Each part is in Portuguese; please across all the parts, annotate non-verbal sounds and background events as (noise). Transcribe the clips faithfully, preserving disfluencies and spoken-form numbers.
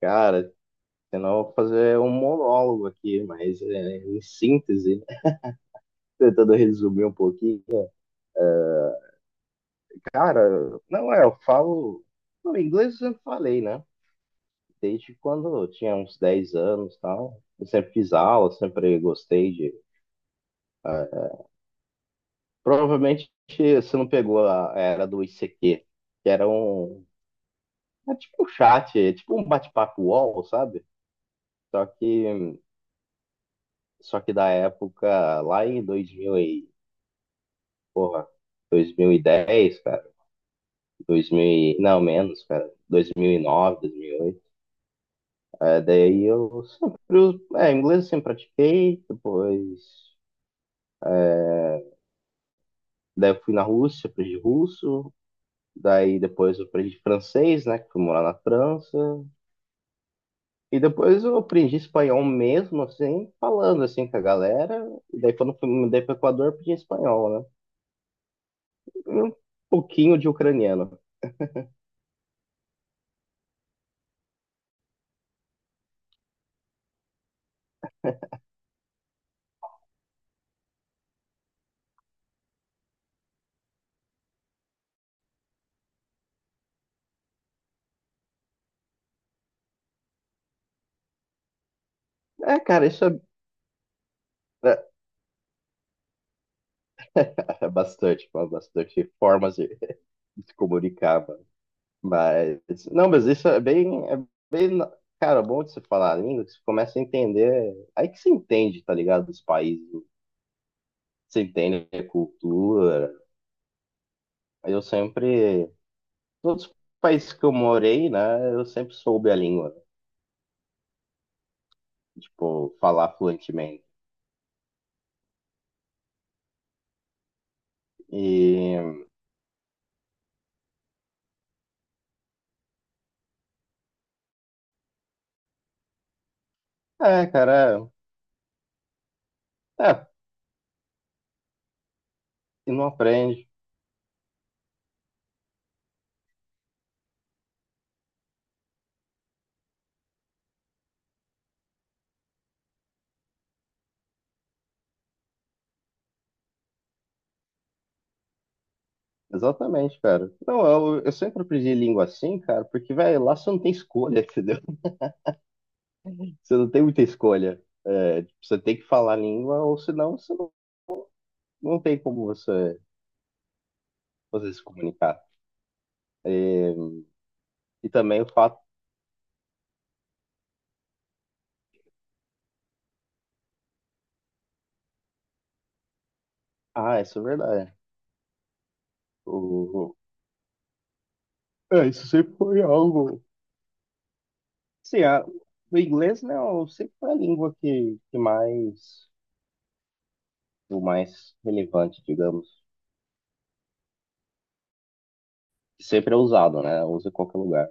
Cara, senão eu vou fazer um monólogo aqui, mas é, em síntese, né? (laughs) Tentando resumir um pouquinho. é, Cara, não é, eu falo. Não, inglês eu sempre falei, né? Desde quando eu tinha uns dez anos e tal. Eu sempre fiz aula, sempre gostei de. ah, Provavelmente você não pegou a era do I C Q, que era um. É tipo um chat, é tipo um bate-papo U O L, sabe? Só que, só que da época, lá em dois mil e porra, dois mil e dez, cara, dois mil, e- não, menos, cara, dois mil e nove, dois mil e oito. É, daí eu sempre, us- é, inglês eu sempre pratiquei, depois, daí eu fui na Rússia, aprendi russo, daí depois eu aprendi francês, né, que fui morar na França, e depois eu aprendi espanhol mesmo, assim, falando, assim, com a galera, e daí quando fui, me mudei pro Equador, eu aprendi espanhol, né, e um pouquinho de ucraniano. É, cara, isso é, é é bastante, bastante formas, se comunicava. Mas, não, mas isso é bem, é bem, cara, bom de se falar a língua, que você começa a entender, aí que você entende, tá ligado, dos países, você entende a cultura. Eu sempre, todos os países que eu morei, né, eu sempre soube a língua, tipo, falar fluentemente. E, é, cara, é, e não aprende. Exatamente, cara. Não, eu, eu sempre aprendi língua assim, cara, porque, velho, lá você não tem escolha, (laughs) entendeu? Você não tem muita escolha. É, você tem que falar a língua, ou senão você não, não tem como você, você se comunicar. É, e também o fato. Ah, isso é verdade. O, é, isso sempre foi algo. Sim, a- o inglês, né, sempre foi a língua que, que mais. O mais relevante, digamos. Sempre é usado, né? Usa em qualquer lugar.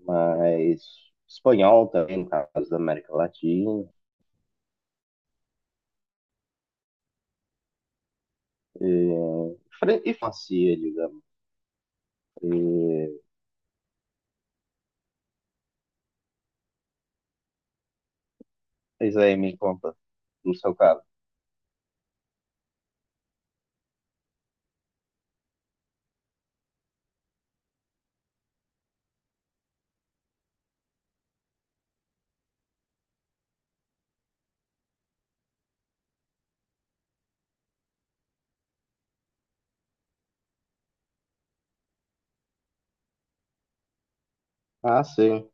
Mas espanhol também, no caso da América Latina. Fran- e Francia, digamos. E, mas aí me conta, no seu caso. Ah, sim.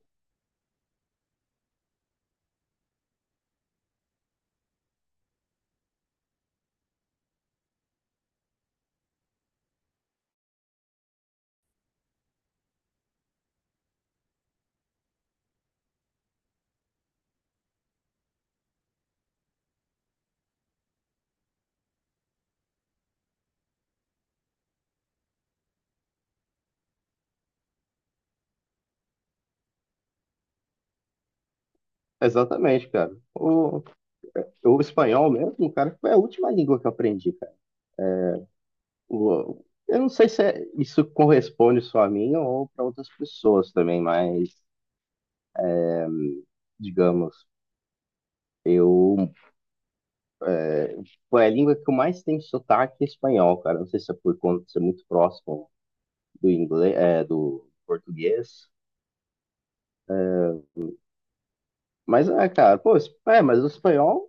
Exatamente, cara. O, o espanhol mesmo, cara, foi a última língua que eu aprendi, cara. O- eu não sei se é- isso corresponde só a mim ou para outras pessoas também, mas, digamos, eu, foi a língua que eu mais tenho sotaque é espanhol, cara. Não sei se é por conta de ser muito próximo do inglês, é, do português. Mas, é, cara, pô, es- é, mas o espanhol,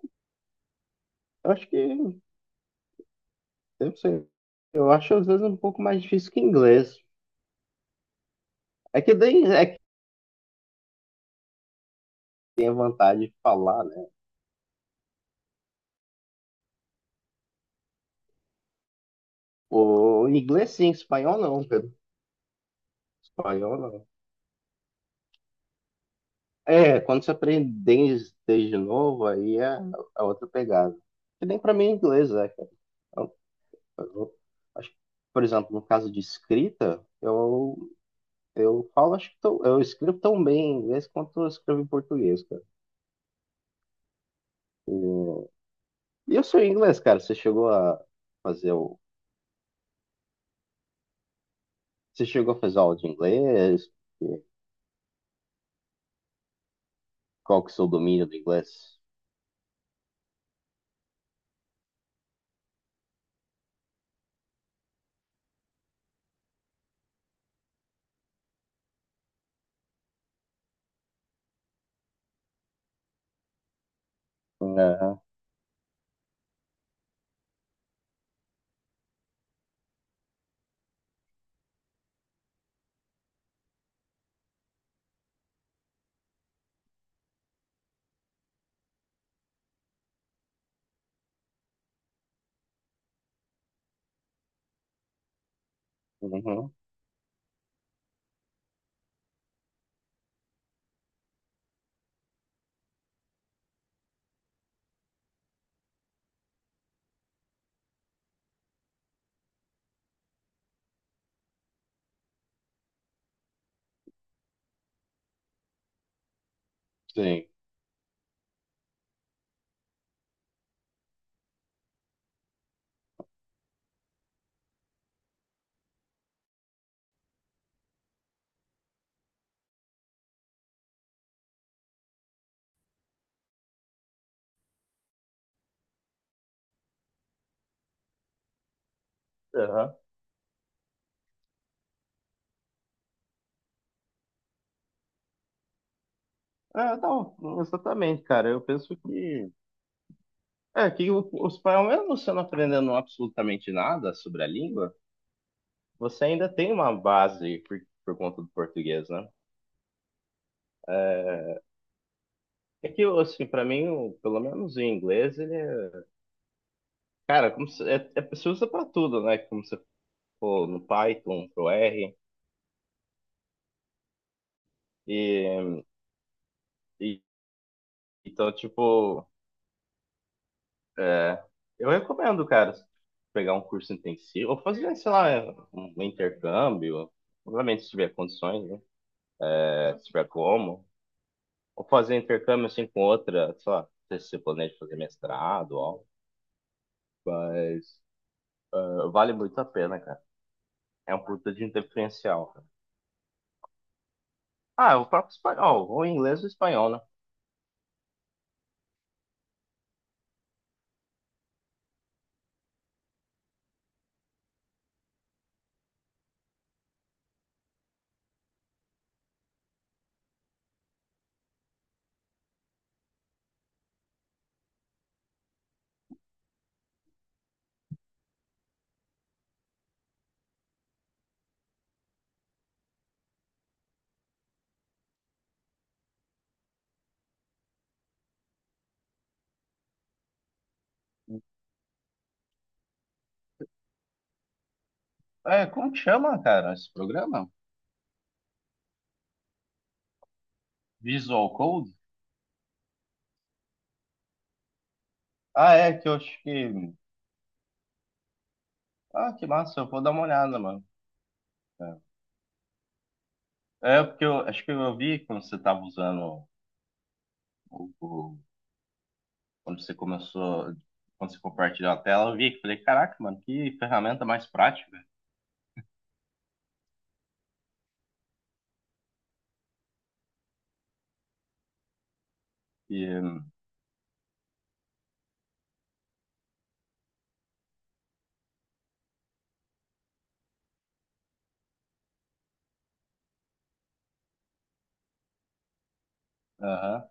eu acho que, eu não sei, eu acho às vezes um pouco mais difícil que inglês. É que daí, é tenha vontade de falar, né? O inglês sim, espanhol não, Pedro. Espanhol não. É, quando você aprende desde, desde novo, aí é, é outra pegada. Que nem pra mim é inglês, é, cara. Eu- eu- acho que, por exemplo, no caso de escrita, eu, eu falo, acho que tô- eu escrevo tão bem em inglês quanto eu escrevo em português, cara. E o seu inglês, cara? Você chegou a fazer o. Você chegou a fazer aula de inglês? Qual que é o seu domínio do inglês? Aham, uhum, sim. Aham. É, não, exatamente, cara. Eu penso que. É, que o- o espanhol, mesmo você não aprendendo absolutamente nada sobre a língua, você ainda tem uma base por, por conta do português, né? É que, assim, pra mim, o- pelo menos o inglês, ele é. Cara, como se, é, é, se usa pra tudo, né? Como se for no Python, pro R. E, e- então, tipo, eu recomendo, cara, pegar um curso intensivo, ou fazer, sei lá, um intercâmbio, obviamente, se tiver condições, né? Se tiver como, ou fazer intercâmbio assim com outra, sei lá, não sei se você planeja fazer mestrado ou algo, mas eh, vale muito a pena, cara. É um produto de diferencial, cara. Ah, o próprio espanhol, ou inglês ou espanhol, né? É, como que chama, cara, esse programa? Visual Code? Ah, é, que eu acho que. Ah, que massa, eu vou dar uma olhada, mano. É, É, porque eu acho que eu vi quando você tava usando o, o- quando você começou, quando você compartilhou a tela, eu vi que falei, caraca, mano, que ferramenta mais prática. Aham.